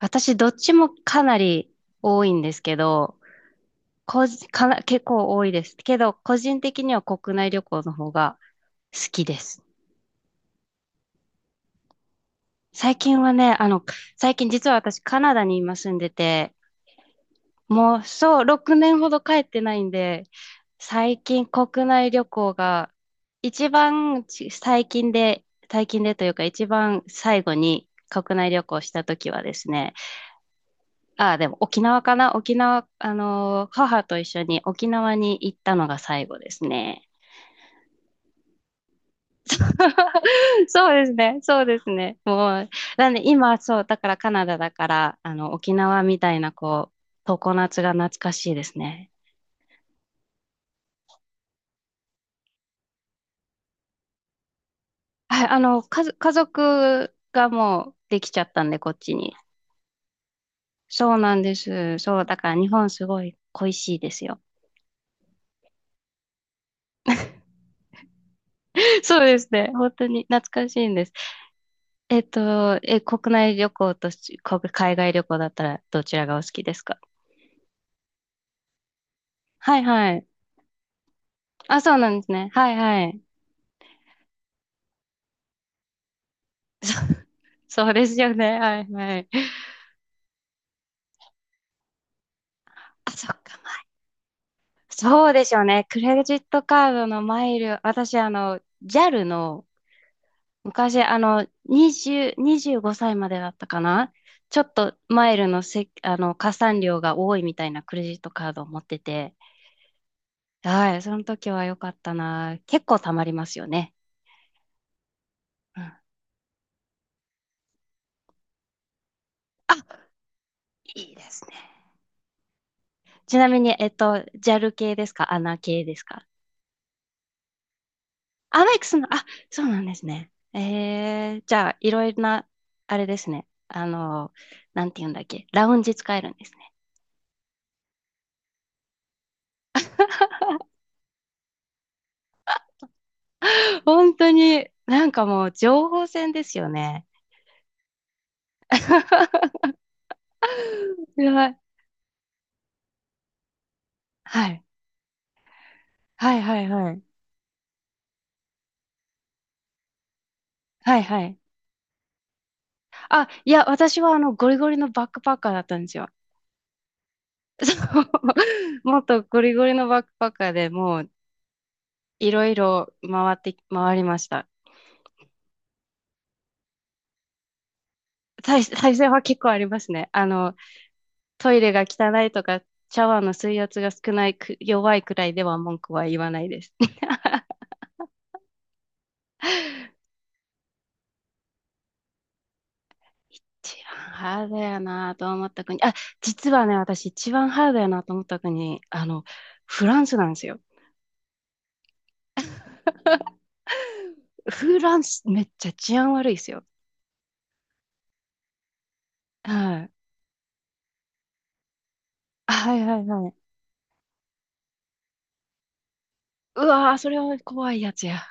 私、どっちもかなり多いんですけど、個人かな、結構多いです。けど、個人的には国内旅行の方が好きです。最近はね、最近実は私カナダに今住んでて、もうそう、6年ほど帰ってないんで、最近国内旅行が一番ち最近で、最近でというか一番最後に国内旅行した時はですね、ああ、でも沖縄、母と一緒に沖縄に行ったのが最後ですね。そうですね、そうですね。もう、なんで今、そう、だからカナダだから、沖縄みたいな、こう、常夏が懐かしいですね。はい、家族がもうできちゃったんで、こっちに。そうなんです。そう、だから日本すごい恋しいですよ。そうですね、本当に懐かしいんです。国内旅行とし国海外旅行だったらどちらがお好きですか？はいはい。あ、そうなんですね。はいはい。そうですよね。はいはい。あ、そっか。まあそうでしょうね。クレジットカードのマイル、私、あの、JAL の、昔、あの、20、25歳までだったかな。ちょっとマイルのせ、あの、加算量が多いみたいなクレジットカードを持ってて、はい、その時は良かったな。結構貯まりますよね。うんあ、いいですね。ちなみに、えっと、JAL 系ですかアナ系ですか？あ、メイクすんの、あ、そうなんですね。えー、じゃあ、いろいろな、あれですね。あの、なんて言うんだっけ。ラウンジ使えるんですね。本当に、なんかもう、情報戦ですよね。やばい。はい。はいはいはい。はいはい。あ、いや、私はあの、ゴリゴリのバックパッカーだったんですよ。そう。もっとゴリゴリのバックパッカーでもう、いろいろ回って、回りました。再生は結構ありますね。あの、トイレが汚いとか、シャワーの水圧が少ないく、弱いくらいでは文句は言わないです。一番ハードやなと思った国。あ、実はね、私一番ハードやなと思った国、あの、フランスなんですよ。フランスめっちゃ治安悪いですよ。はい。はいはいはい。うわー、それは怖いやつや。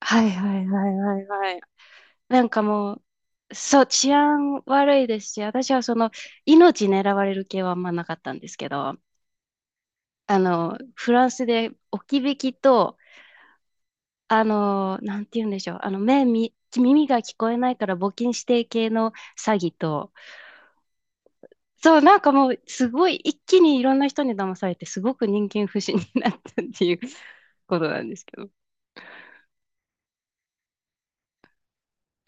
はいはいはいはいはい。なんかもう、そう、治安悪いですし、私はその、命狙われる系はあんまなかったんですけど、あの、フランスで置き引きと、あの、なんて言うんでしょう、耳が聞こえないから募金指定系の詐欺と、そう、なんかもう、すごい一気にいろんな人に騙されて、すごく人間不信になったっていうことなんですけど。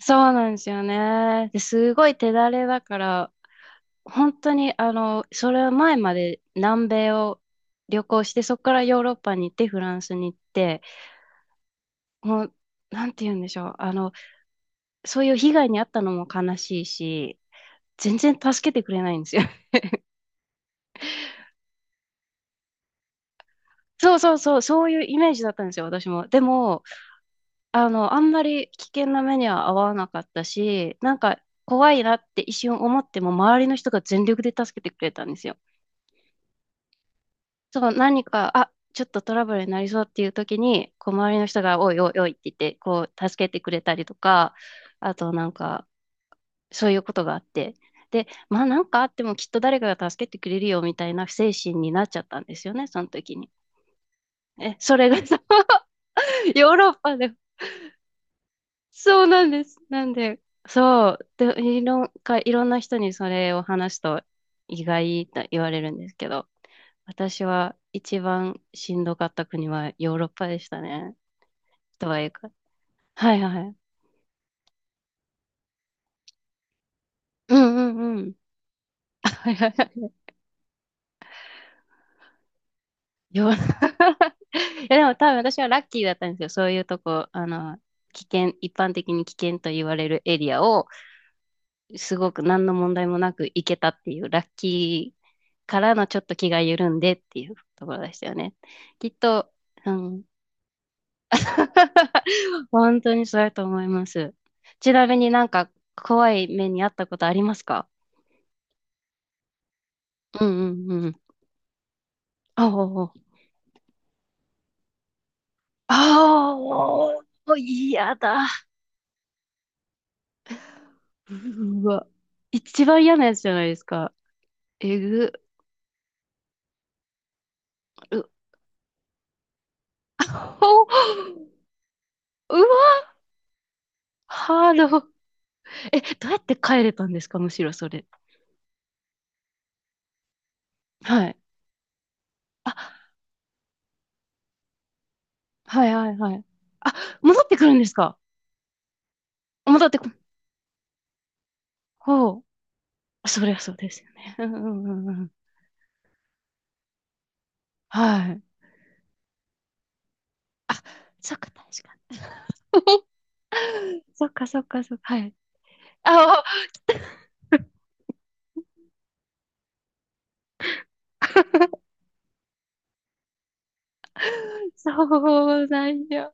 そうなんですよね。ですごい手だれだから、本当に、あの、それ前まで南米を旅行して、そこからヨーロッパに行って、フランスに行って、もう、なんて言うんでしょう。あの、そういう被害に遭ったのも悲しいし、全然助けてくれないんですよ。そうそうそう、そういうイメージだったんですよ、私も。でも、あの、あんまり危険な目には遭わなかったし、なんか怖いなって一瞬思っても、周りの人が全力で助けてくれたんですよ。そう、何か、あ、ちょっとトラブルになりそうっていう時に、こう、周りの人が、おいおいおいって言って、こう、助けてくれたりとか、あとなんか、そういうことがあって、で、まあなんかあってもきっと誰かが助けてくれるよみたいな精神になっちゃったんですよね、その時に。え、それがさ、ヨーロッパで、そうなんです。なんで、そう、で、いろんな人にそれを話すと意外と言われるんですけど、私は一番しんどかった国はヨーロッパでしたね。とはいうか。はいはい。うんうんうん。はいはいはい。よ いやでも多分私はラッキーだったんですよ。そういうとこ、一般的に危険と言われるエリアを、すごく何の問題もなく行けたっていう、ラッキーからのちょっと気が緩んでっていうところでしたよね。きっと、うん。本当にそうやと思います。ちなみになんか怖い目にあったことありますか？うんうんうん。ああああ、もう、嫌だ。うわ。一番嫌なやつじゃないですか。えぐ、う、あおうわ、ハード。え、どうやって帰れたんですか、むしろそれ。はい。あ、はいはいはい。あ、戻ってくるんですか？戻ってこ、ほう。そりゃそうですよね。うんうんうんうん。はい。あ、そっか、確かに。そっかそっかそっか。はい。あ、お そうなんや。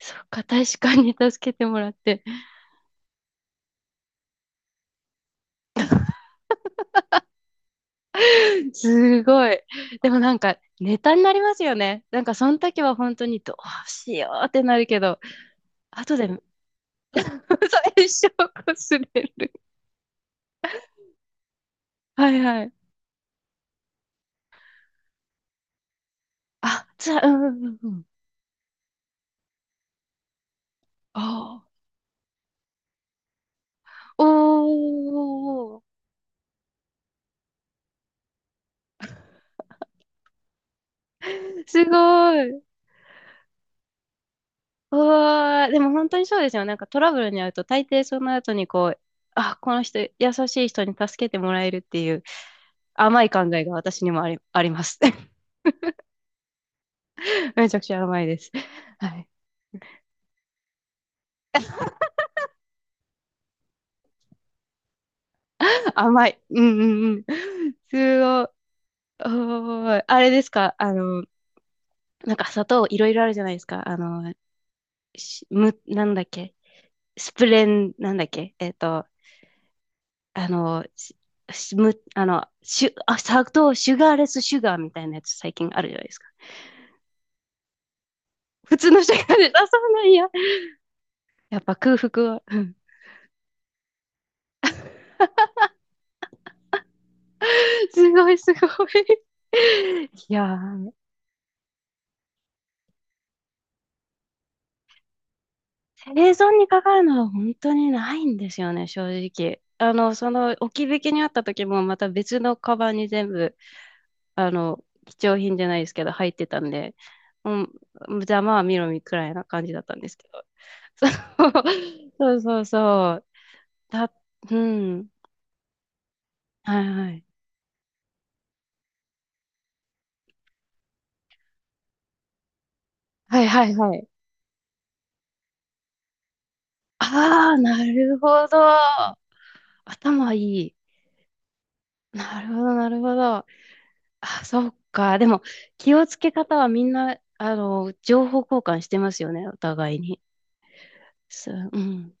そっか、確かに助けてもらって。すごい。でもなんか、ネタになりますよね。なんか、その時は本当にどうしようってなるけど、後で、最初こすれる。はいはい。あ、じゃあ、うんうんうん。ああ。おー。すごい。うわー。でも本当にそうですよね。なんかトラブルに遭うと、大抵その後にこう、あ、この人、優しい人に助けてもらえるっていう甘い考えが私にもあり、あります。めちゃくちゃ甘いです。はい。甘い。うんうんうん。すごい。おーいあれですかあの、なんか砂糖いろいろあるじゃないですか。あの、しむ、なんだっけスプレン、なんだっけえっと、あの、ししむ、あの、シュ、あ、砂糖、シュガーレスシュガーみたいなやつ最近あるじゃないですか。普通のシュガーレス、あ、そうなんや。やっぱ空腹は。うんすごいすごい。いやー生存にかかるのは本当にないんですよね、正直。あの、その置き引きにあった時もまた別のカバンに全部、あの、貴重品じゃないですけど入ってたんで、うん、じゃあまあ見ろみくらいな感じだったんですけど。そうそうそうそう。だ、うん。はいはい。はいはいはい。ああ、なるほど。頭いい。なるほど、なるほど。あ、そうか。でも、気をつけ方はみんな、あの、情報交換してますよね、お互いに。そう、うん。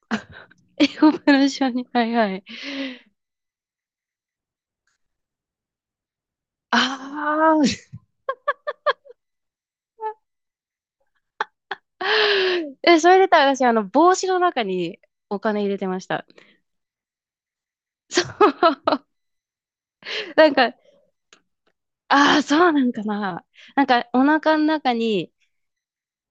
英語の一緒に。はいはい。ああ。え、それで言ったら私、あの、帽子の中にお金入れてました。そう。なんか、ああ、そうなんかな。なんか、お腹の中に、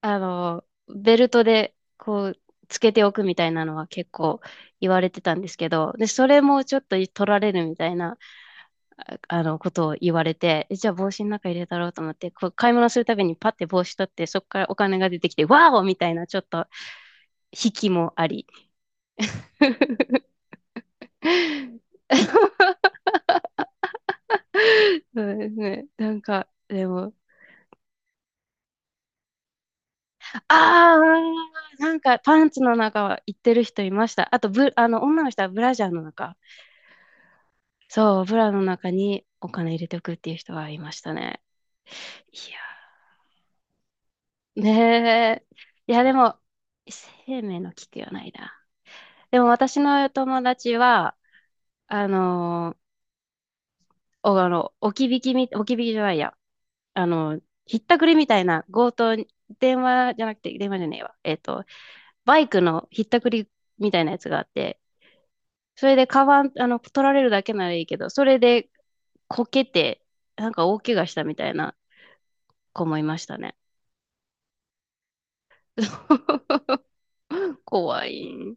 あの、ベルトで、こう、つけておくみたいなのは結構言われてたんですけど、で、それもちょっと取られるみたいな。あの、ことを言われて、えじゃあ帽子の中入れたろうと思って、こう買い物するたびにパッて帽子取って、そこからお金が出てきて、ワーオみたいな、ちょっと、引きもあり。そうですね。なんか、でも、ああ、なんかパンツの中は行ってる人いました。あとブ、あの、女の人はブラジャーの中。そう、ブラの中にお金入れておくっていう人はいましたね。いや、ねえ。いや、でも、生命の危機はないな。でも私の友達は、あのーお、あの、置き引きみ、置き引きじゃないや。あの、ひったくりみたいな強盗に、電話じゃなくて、電話じゃねえわ。えっと、バイクのひったくりみたいなやつがあって、それでカバン、あの、取られるだけならいいけど、それでこけて、なんか大怪我したみたいな子もいましたね。怖い。